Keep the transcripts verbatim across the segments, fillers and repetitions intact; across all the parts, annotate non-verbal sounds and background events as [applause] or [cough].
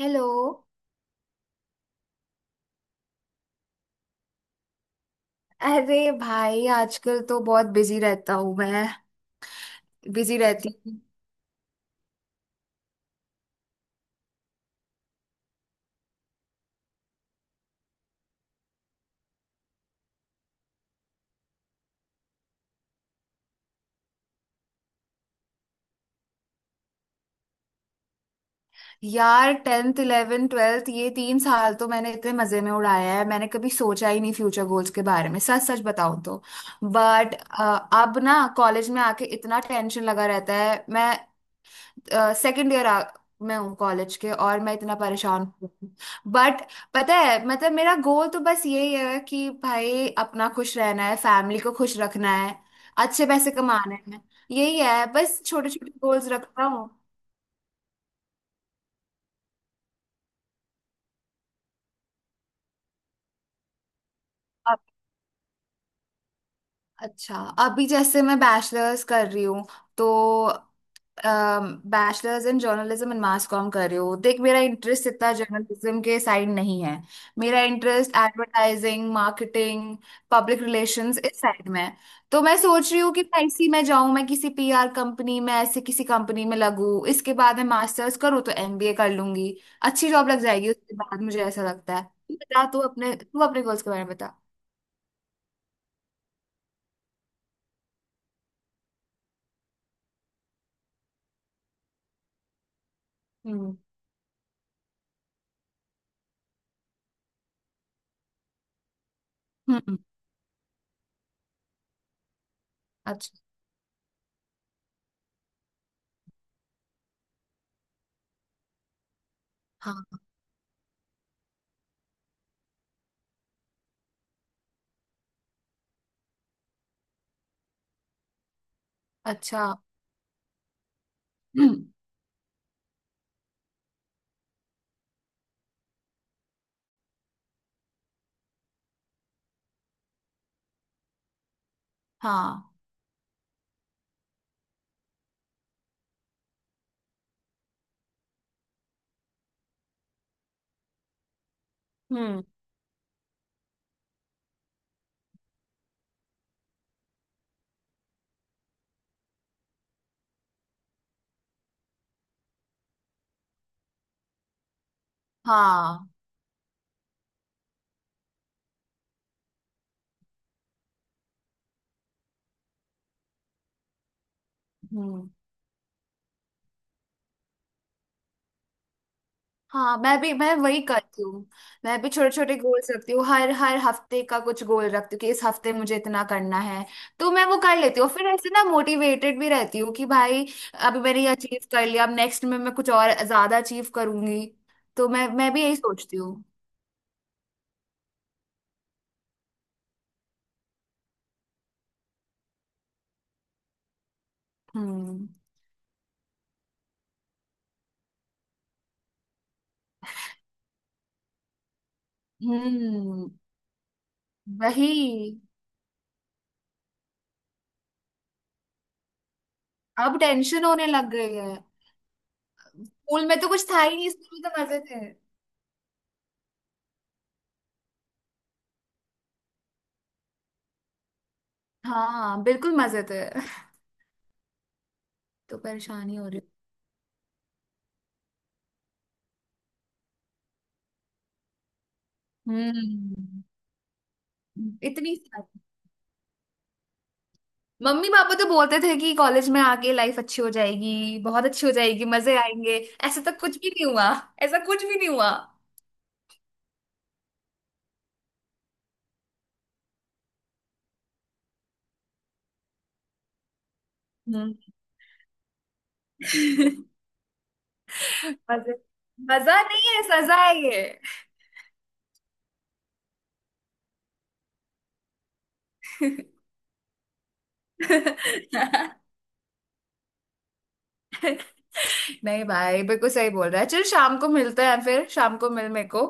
Hello. अरे भाई आजकल तो बहुत बिजी रहता हूँ मैं बिजी रहती हूँ यार टेंथ इलेवेंथ ट्वेल्थ ये तीन साल तो मैंने इतने मजे में उड़ाया है। मैंने कभी सोचा ही नहीं फ्यूचर गोल्स के बारे में, सच सच बताऊँ तो। बट अब ना कॉलेज में आके इतना टेंशन लगा रहता है। मैं सेकंड ईयर में हूँ कॉलेज के और मैं इतना परेशान हूँ। बट पता है, मतलब मेरा गोल तो बस यही है कि भाई अपना खुश रहना है, फैमिली को खुश रखना है, अच्छे पैसे कमाने हैं। यही है, बस छोटे छोटे गोल्स रखता हूँ। अब- अच्छा, अभी जैसे मैं बैचलर्स कर रही हूँ तो bachelors in journalism and mass comm कर रही हूँ। देख, मेरा इंटरेस्ट इतना जर्नलिज्म के साइड नहीं है। मेरा interest advertising, marketing, public relations इस साइड में है। तो मैं सोच रही हूँ कि मैं इसी में जाऊँ, मैं किसी पीआर कंपनी में, ऐसे किसी कंपनी में लगूँ। इसके बाद मैं मास्टर्स करूँ तो एमबीए कर लूंगी, अच्छी जॉब लग जाएगी उसके बाद, मुझे ऐसा लगता है। तू बता, तू अपने तू अपने गोल्स के बारे में बता। हम्म। हम्म। अच्छा। हाँ। अच्छा। [clears throat] हम्म। हाँ। हम्म। हाँ। हम्म। हाँ, मैं भी मैं वही करती हूँ। मैं भी छोटे छोटे गोल्स रखती हूँ, हर हर हफ्ते का कुछ गोल रखती हूँ कि इस हफ्ते मुझे इतना करना है तो मैं वो कर लेती हूँ। फिर ऐसे ना मोटिवेटेड भी रहती हूँ कि भाई अभी मैंने ये अचीव कर लिया, अब नेक्स्ट में मैं कुछ और ज्यादा अचीव करूंगी। तो मैं मैं भी यही सोचती हूँ। हम्म। हम्म। वही, अब टेंशन होने लग गई है। स्कूल में तो कुछ था ही नहीं, स्कूल में तो मजे थे। हाँ बिल्कुल मजे थे। तो परेशानी हो रही है। हम्म। इतनी सारी। मम्मी पापा तो बोलते थे कि कॉलेज में आके लाइफ अच्छी हो जाएगी, बहुत अच्छी हो जाएगी, मजे आएंगे। ऐसा तो कुछ भी नहीं हुआ, ऐसा कुछ भी नहीं हुआ। हम्म। [laughs] मजे, मजा नहीं है सजा है ये। [laughs] नहीं भाई, बिल्कुल सही बोल रहा है। चल शाम को मिलते हैं, फिर शाम को मिल मेरे को।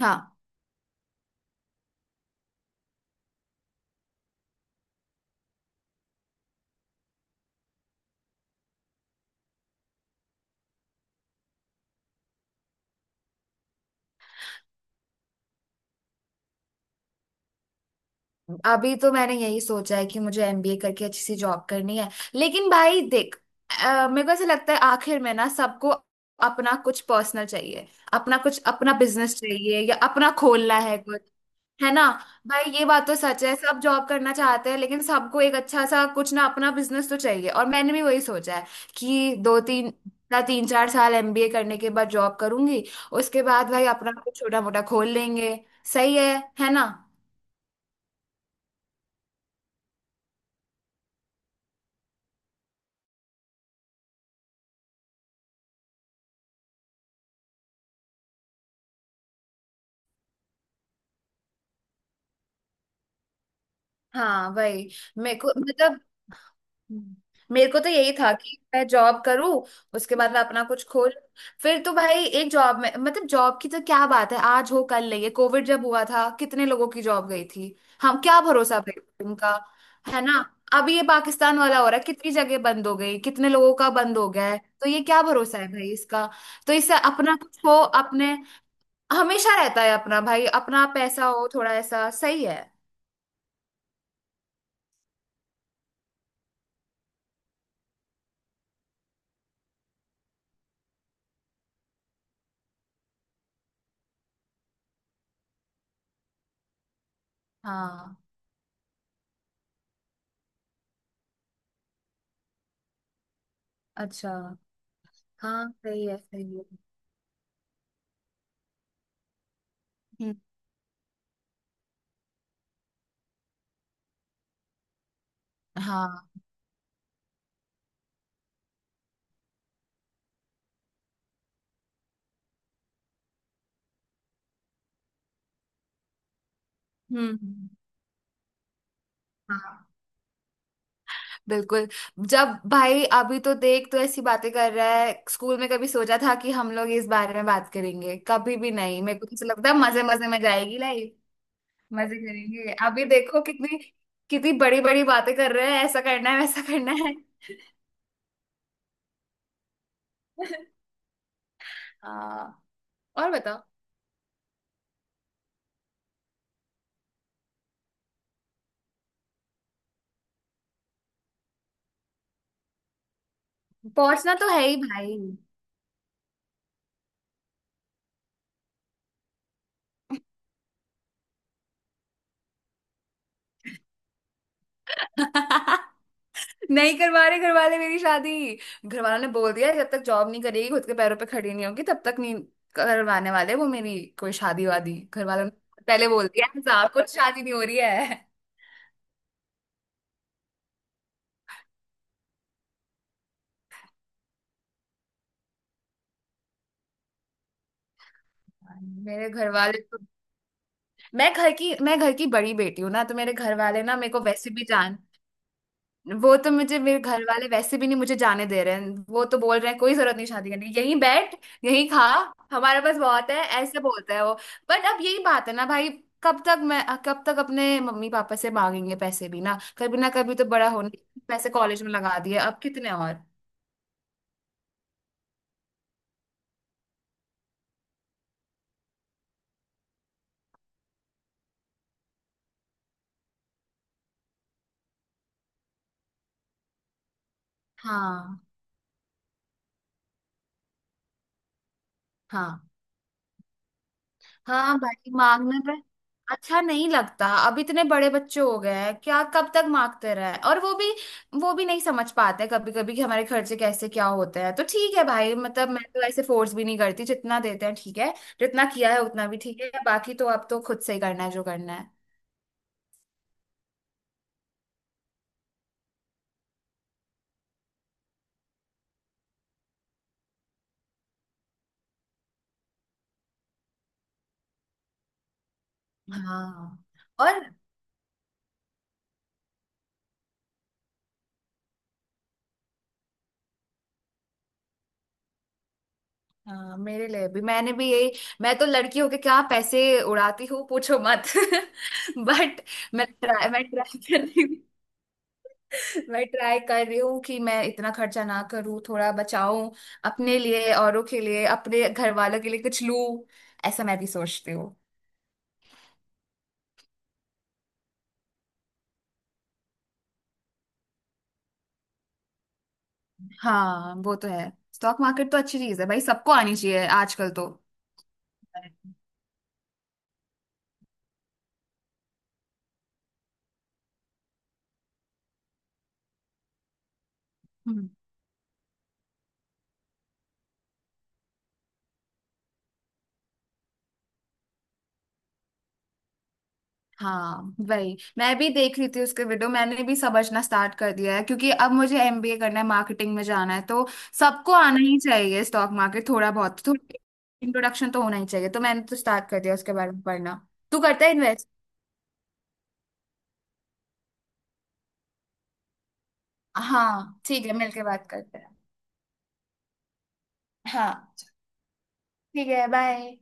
हाँ, अभी तो मैंने यही सोचा है कि मुझे एमबीए करके अच्छी सी जॉब करनी है। लेकिन भाई देख, अ, मेरे को ऐसा लगता है आखिर में ना सबको अपना कुछ पर्सनल चाहिए, अपना कुछ अपना बिजनेस चाहिए या अपना खोलना है कुछ। है ना भाई, ये बात तो सच है, सब जॉब करना चाहते हैं लेकिन सबको एक अच्छा सा कुछ ना, अपना बिजनेस तो चाहिए। और मैंने भी वही सोचा है कि दो तीन ना, तीन चार साल एमबीए करने के बाद जॉब करूंगी, उसके बाद भाई अपना कुछ छोटा मोटा खोल लेंगे। सही है है ना? हाँ वही, मेरे को मतलब मेरे को तो यही था कि मैं जॉब करूँ, उसके बाद मैं अपना कुछ खोल। फिर तो भाई एक जॉब में, मतलब जॉब की तो क्या बात है, आज हो कल नहीं। ये कोविड जब हुआ था कितने लोगों की जॉब गई थी, हम क्या भरोसा भाई उनका, है ना? अभी ये पाकिस्तान वाला हो रहा है, कितनी जगह बंद हो गई, कितने लोगों का बंद हो गया है, तो ये क्या भरोसा है भाई इसका। तो इससे अपना कुछ हो, अपने हमेशा रहता है अपना, भाई अपना पैसा हो थोड़ा ऐसा, सही है। हाँ। अच्छा। हाँ सही है सही है। हम्म। हाँ। हम्म। हम्म। हाँ बिल्कुल, जब भाई अभी तो देख तो ऐसी बातें कर रहा है, स्कूल में कभी सोचा था कि हम लोग इस बारे में बात करेंगे? कभी भी नहीं, मेरे को तो लगता है मजे मजे में जाएगी लाइफ, मजे करेंगे। अभी देखो कितनी कितनी बड़ी बड़ी बातें कर रहे हैं, ऐसा करना है वैसा करना है। [laughs] हाँ, और बताओ। पहुंचना तो है ही भाई। [laughs] नहीं करवा रहे घर वाले मेरी शादी, घर वालों ने बोल दिया है, जब तक जॉब नहीं करेगी, खुद के पैरों पे खड़ी नहीं होगी, तब तक नहीं करवाने वाले वो मेरी कोई शादी वादी। घर वालों ने पहले बोल दिया है, साहब कुछ शादी नहीं हो रही है। मेरे घर वाले तो, मैं घर की मैं घर की बड़ी बेटी हूँ ना, तो मेरे घर वाले ना मेरे को वैसे भी जान, वो तो मुझे, मेरे घर वाले वैसे भी नहीं मुझे जाने दे रहे हैं। वो तो बोल रहे हैं कोई जरूरत नहीं शादी करने की, यहीं बैठ, यहीं खा, हमारे पास बहुत है, ऐसे बोलता है वो। बट अब यही बात है ना भाई, कब तक मैं कब तक अपने मम्मी पापा से मांगेंगे पैसे भी ना, कभी ना कभी तो बड़ा होने। पैसे कॉलेज में लगा दिए, अब कितने और। हाँ। हाँ, हाँ भाई, मांगने पे अच्छा नहीं लगता, अब इतने बड़े बच्चे हो गए हैं क्या, कब तक मांगते रहे। और वो भी, वो भी नहीं समझ पाते कभी कभी कि हमारे खर्चे कैसे क्या होते हैं। तो ठीक है भाई, मतलब मैं तो ऐसे फोर्स भी नहीं करती, जितना देते हैं ठीक है, जितना किया है उतना भी ठीक है, बाकी तो अब तो खुद से ही करना है जो करना है। हाँ और। हाँ, मेरे लिए भी मैंने भी यही मैं तो लड़की होके क्या पैसे उड़ाती हूँ, पूछो मत। [laughs] बट, मैं ट्राई मैं ट्राई करती, मैं ट्राई कर रही हूँ कि मैं इतना खर्चा ना करूँ, थोड़ा बचाऊं अपने लिए, औरों के लिए, अपने घर वालों के लिए कुछ लूं, ऐसा मैं भी सोचती हूँ। हाँ वो तो है, स्टॉक मार्केट तो अच्छी चीज है भाई, सबको आनी चाहिए आजकल तो। हम्म। हाँ वही, मैं भी देख रही थी उसके वीडियो, मैंने भी समझना स्टार्ट कर दिया है क्योंकि अब मुझे एमबीए करना है, मार्केटिंग में जाना है तो सबको आना ही चाहिए स्टॉक मार्केट, थोड़ा बहुत, थोड़ा इंट्रोडक्शन तो होना ही चाहिए। तो मैंने तो स्टार्ट कर दिया उसके बारे में पढ़ना। तू करता है? हाँ ठीक है, मिलके बात करते हैं। हाँ ठीक है, बाय।